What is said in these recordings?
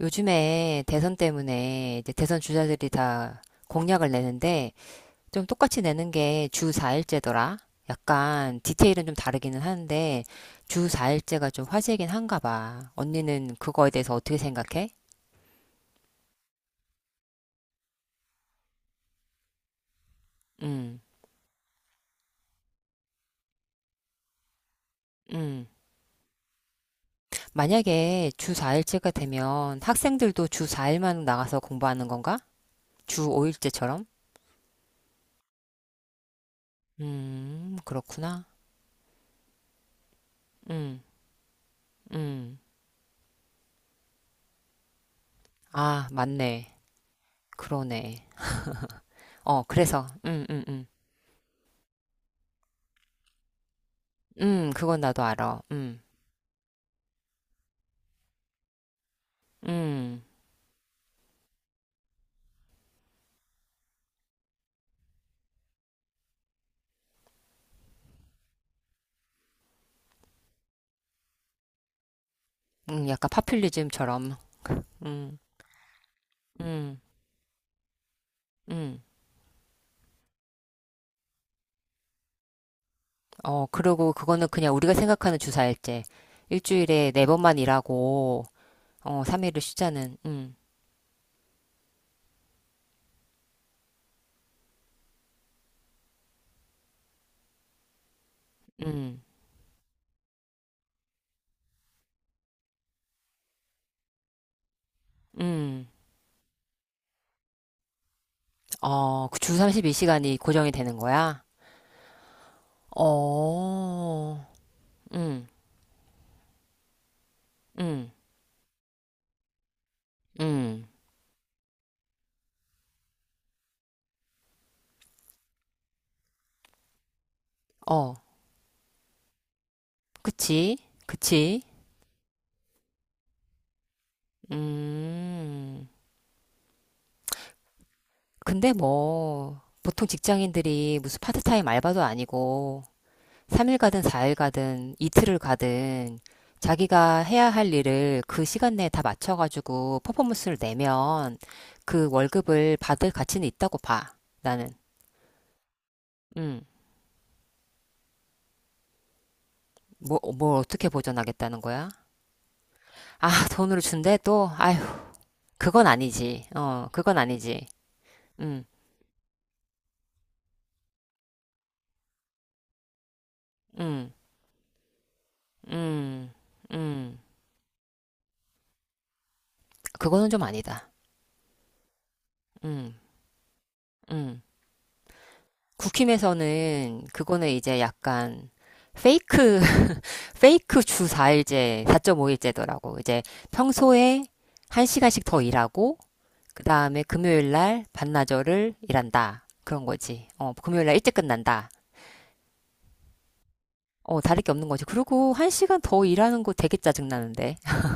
요즘에 대선 때문에 이제 대선 주자들이 다 공약을 내는데 좀 똑같이 내는 게 주 4일제더라. 약간 디테일은 좀 다르기는 하는데 주 4일제가 좀 화제이긴 한가 봐. 언니는 그거에 대해서 어떻게 생각해? 음. 음. 만약에 주 4일제가 되면 학생들도 주 4일만 나가서 공부하는 건가? 주 5일제처럼? 그렇구나. 음, 음. 아, 맞네. 그러네. 어, 그래서, 그건 나도 알아. 음, 약간 파퓰리즘처럼. 음, 음, 음. 어, 그리고 그거는 그냥 우리가 생각하는 주사일제. 일주일에 네 번만 일하고, 어, 3일을 쉬자는, 음, 음. 어, 그주 32시간이 고정이 되는 거야? 어, 음, 음, 음. 어, 그치, 그치. 음. 근데 뭐, 보통 직장인들이 무슨 파트타임 알바도 아니고, 3일 가든 4일 가든 이틀을 가든, 자기가 해야 할 일을 그 시간 내에 다 맞춰가지고 퍼포먼스를 내면 그 월급을 받을 가치는 있다고 봐, 나는. 음, 뭘 어떻게 보전하겠다는 거야? 아, 돈으로 준대? 또? 아휴, 그건 아니지. 어, 그건 아니지. 음, 음, 음, 음. 그거는 좀 아니다. 음, 음. 국힘에서는 그거는 이제 약간 페이크, 페이크 주 4일제, 4.5일제더라고. 이제 평소에 1시간씩 더 일하고, 그 다음에 금요일 날 반나절을 일한다. 그런 거지. 어, 금요일 날 일찍 끝난다. 어, 다를 게 없는 거지. 그리고 1시간 더 일하는 거 되게 짜증나는데.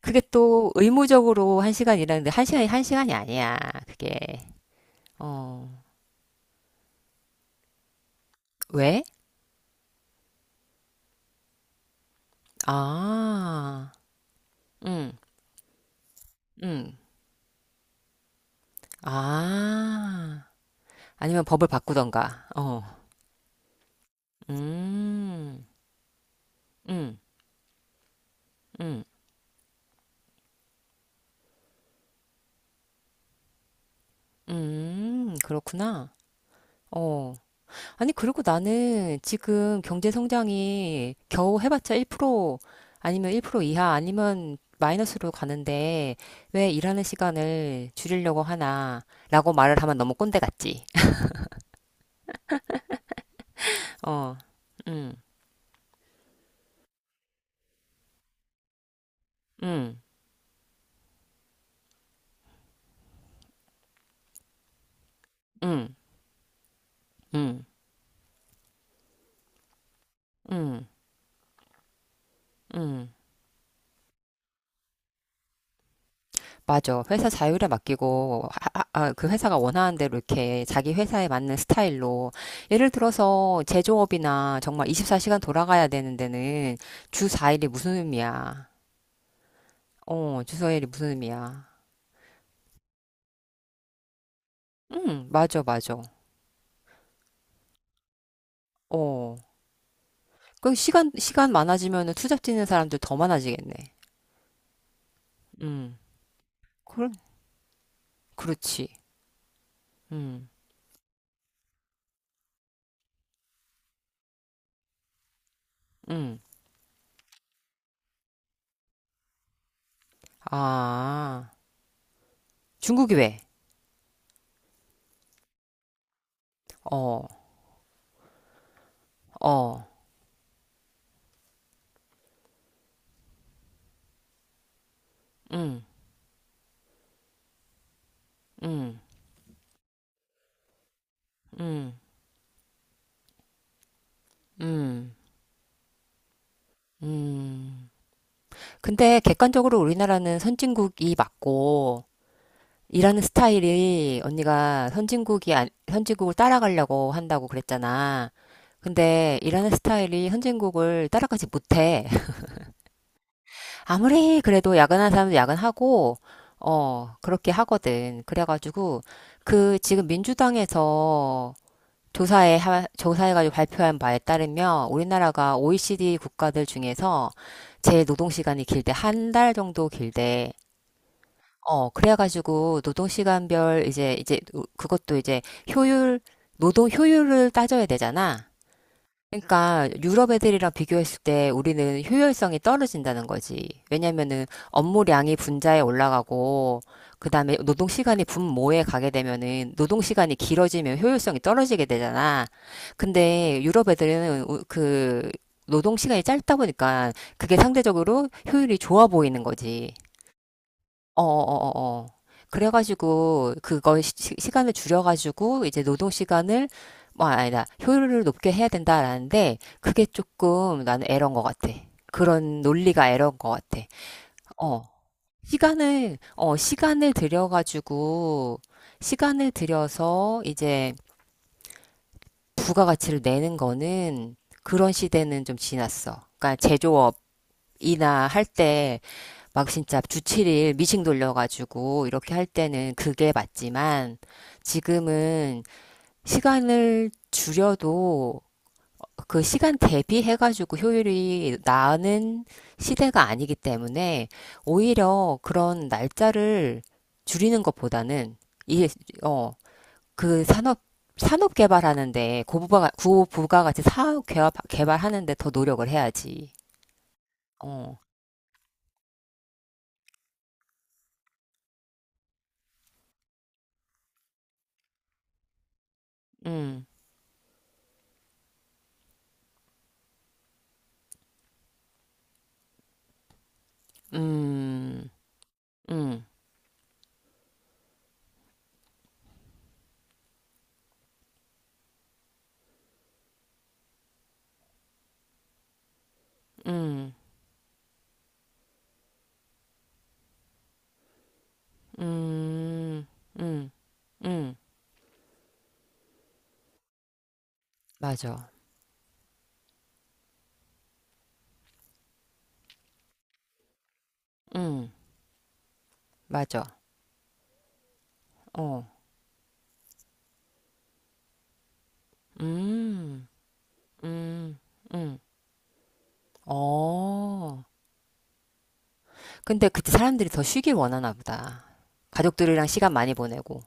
그게 또 의무적으로 1시간 일하는데 1시간이 아니야. 그게. 어, 왜? 아, 응, 응. 아. 아니면 법을 바꾸던가. 어. 음. 음. 음. 음. 그렇구나. 어. 아니 그리고 나는 지금 경제 성장이 겨우 해봤자 1% 아니면 1% 이하 아니면 마이너스로 가는데 왜 일하는 시간을 줄이려고 하나라고 말을 하면 너무 꼰대 같지. 어. 음. 음. 음. 음. 음. 음. 맞아. 회사 자율에 맡기고, 아, 그 회사가 원하는 대로 이렇게 자기 회사에 맞는 스타일로. 예를 들어서 제조업이나 정말 24시간 돌아가야 되는 데는 주 4일이 무슨 의미야. 어, 주 4일이 무슨 의미야. 응, 맞아. 어. 그 시간 많아지면은 투잡 뛰는 사람들 더 많아지겠네. 음. 그, 그렇지. 음, 음. 아, 중국이 왜? 어, 어, 음, 음, 음, 음. 근데 객관적으로 우리나라는 선진국이 맞고, 일하는 스타일이 언니가 선진국이, 안- 선진국을 따라가려고 한다고 그랬잖아. 근데 일하는 스타일이 선진국을 따라가지 못해. 아무리 그래도 야근하는 사람도 야근하고, 어, 그렇게 하거든. 그래가지고, 그 지금 민주당에서 조사해가지고 발표한 바에 따르면 우리나라가 OECD 국가들 중에서 제 노동시간이 길대, 한 달 정도 길대. 어, 그래가지고 노동시간별 그것도 이제 효율 노동 효율을 따져야 되잖아. 그러니까 유럽 애들이랑 비교했을 때 우리는 효율성이 떨어진다는 거지. 왜냐면은 업무량이 분자에 올라가고 그다음에 노동 시간이 분모에 가게 되면은 노동 시간이 길어지면 효율성이 떨어지게 되잖아. 근데 유럽 애들은 그 노동 시간이 짧다 보니까 그게 상대적으로 효율이 좋아 보이는 거지. 어어어어. 그래 가지고 그거 시간을 줄여 가지고 이제 노동 시간을 뭐 아니다. 효율을 높게 해야 된다라는데 그게 조금 나는 에러인 것 같아. 그런 논리가 에러인 것 같아. 어. 시간을 어 시간을 들여 가지고 시간을 들여서 이제 부가가치를 내는 거는 그런 시대는 좀 지났어. 그러니까 제조업이나 할때 막 진짜 주 7일 미싱 돌려가지고 이렇게 할 때는 그게 맞지만 지금은 시간을 줄여도 그 시간 대비해가지고 효율이 나는 시대가 아니기 때문에 오히려 그런 날짜를 줄이는 것보다는 이, 어, 그 산업, 산업 개발하는데 고부가 같이 사업 개발하는데 더 노력을 해야지. 어, 음, 음, 음, 음. 음. 음. 음. 맞아. 음. 맞아. 어. 음. 음. 음. 어. 근데 그때 사람들이 더 쉬길 원하나 보다. 가족들이랑 시간 많이 보내고.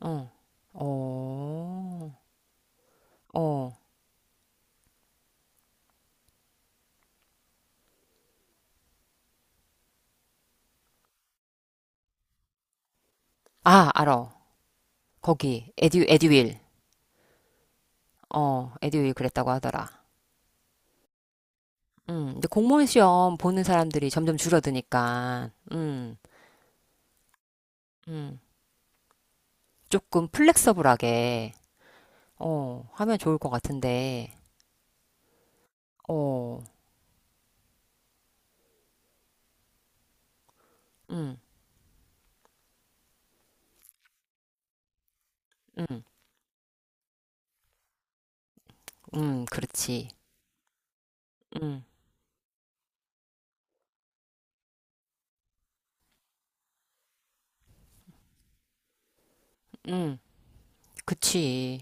어. 어. 어. 아, 알아. 거기 에듀윌. 어, 에듀윌 그랬다고 하더라. 음. 근데 공무원 시험 보는 사람들이 점점 줄어드니까. 음. 음. 조금 플렉서블하게 어, 하면 좋을 것 같은데. 어, 응, 응, 응, 그렇지. 응, 응, 그치.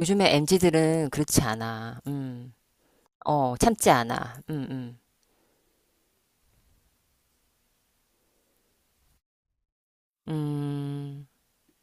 요즘에 m 지들은 그렇지 않아. 어, 참지 않아. 음.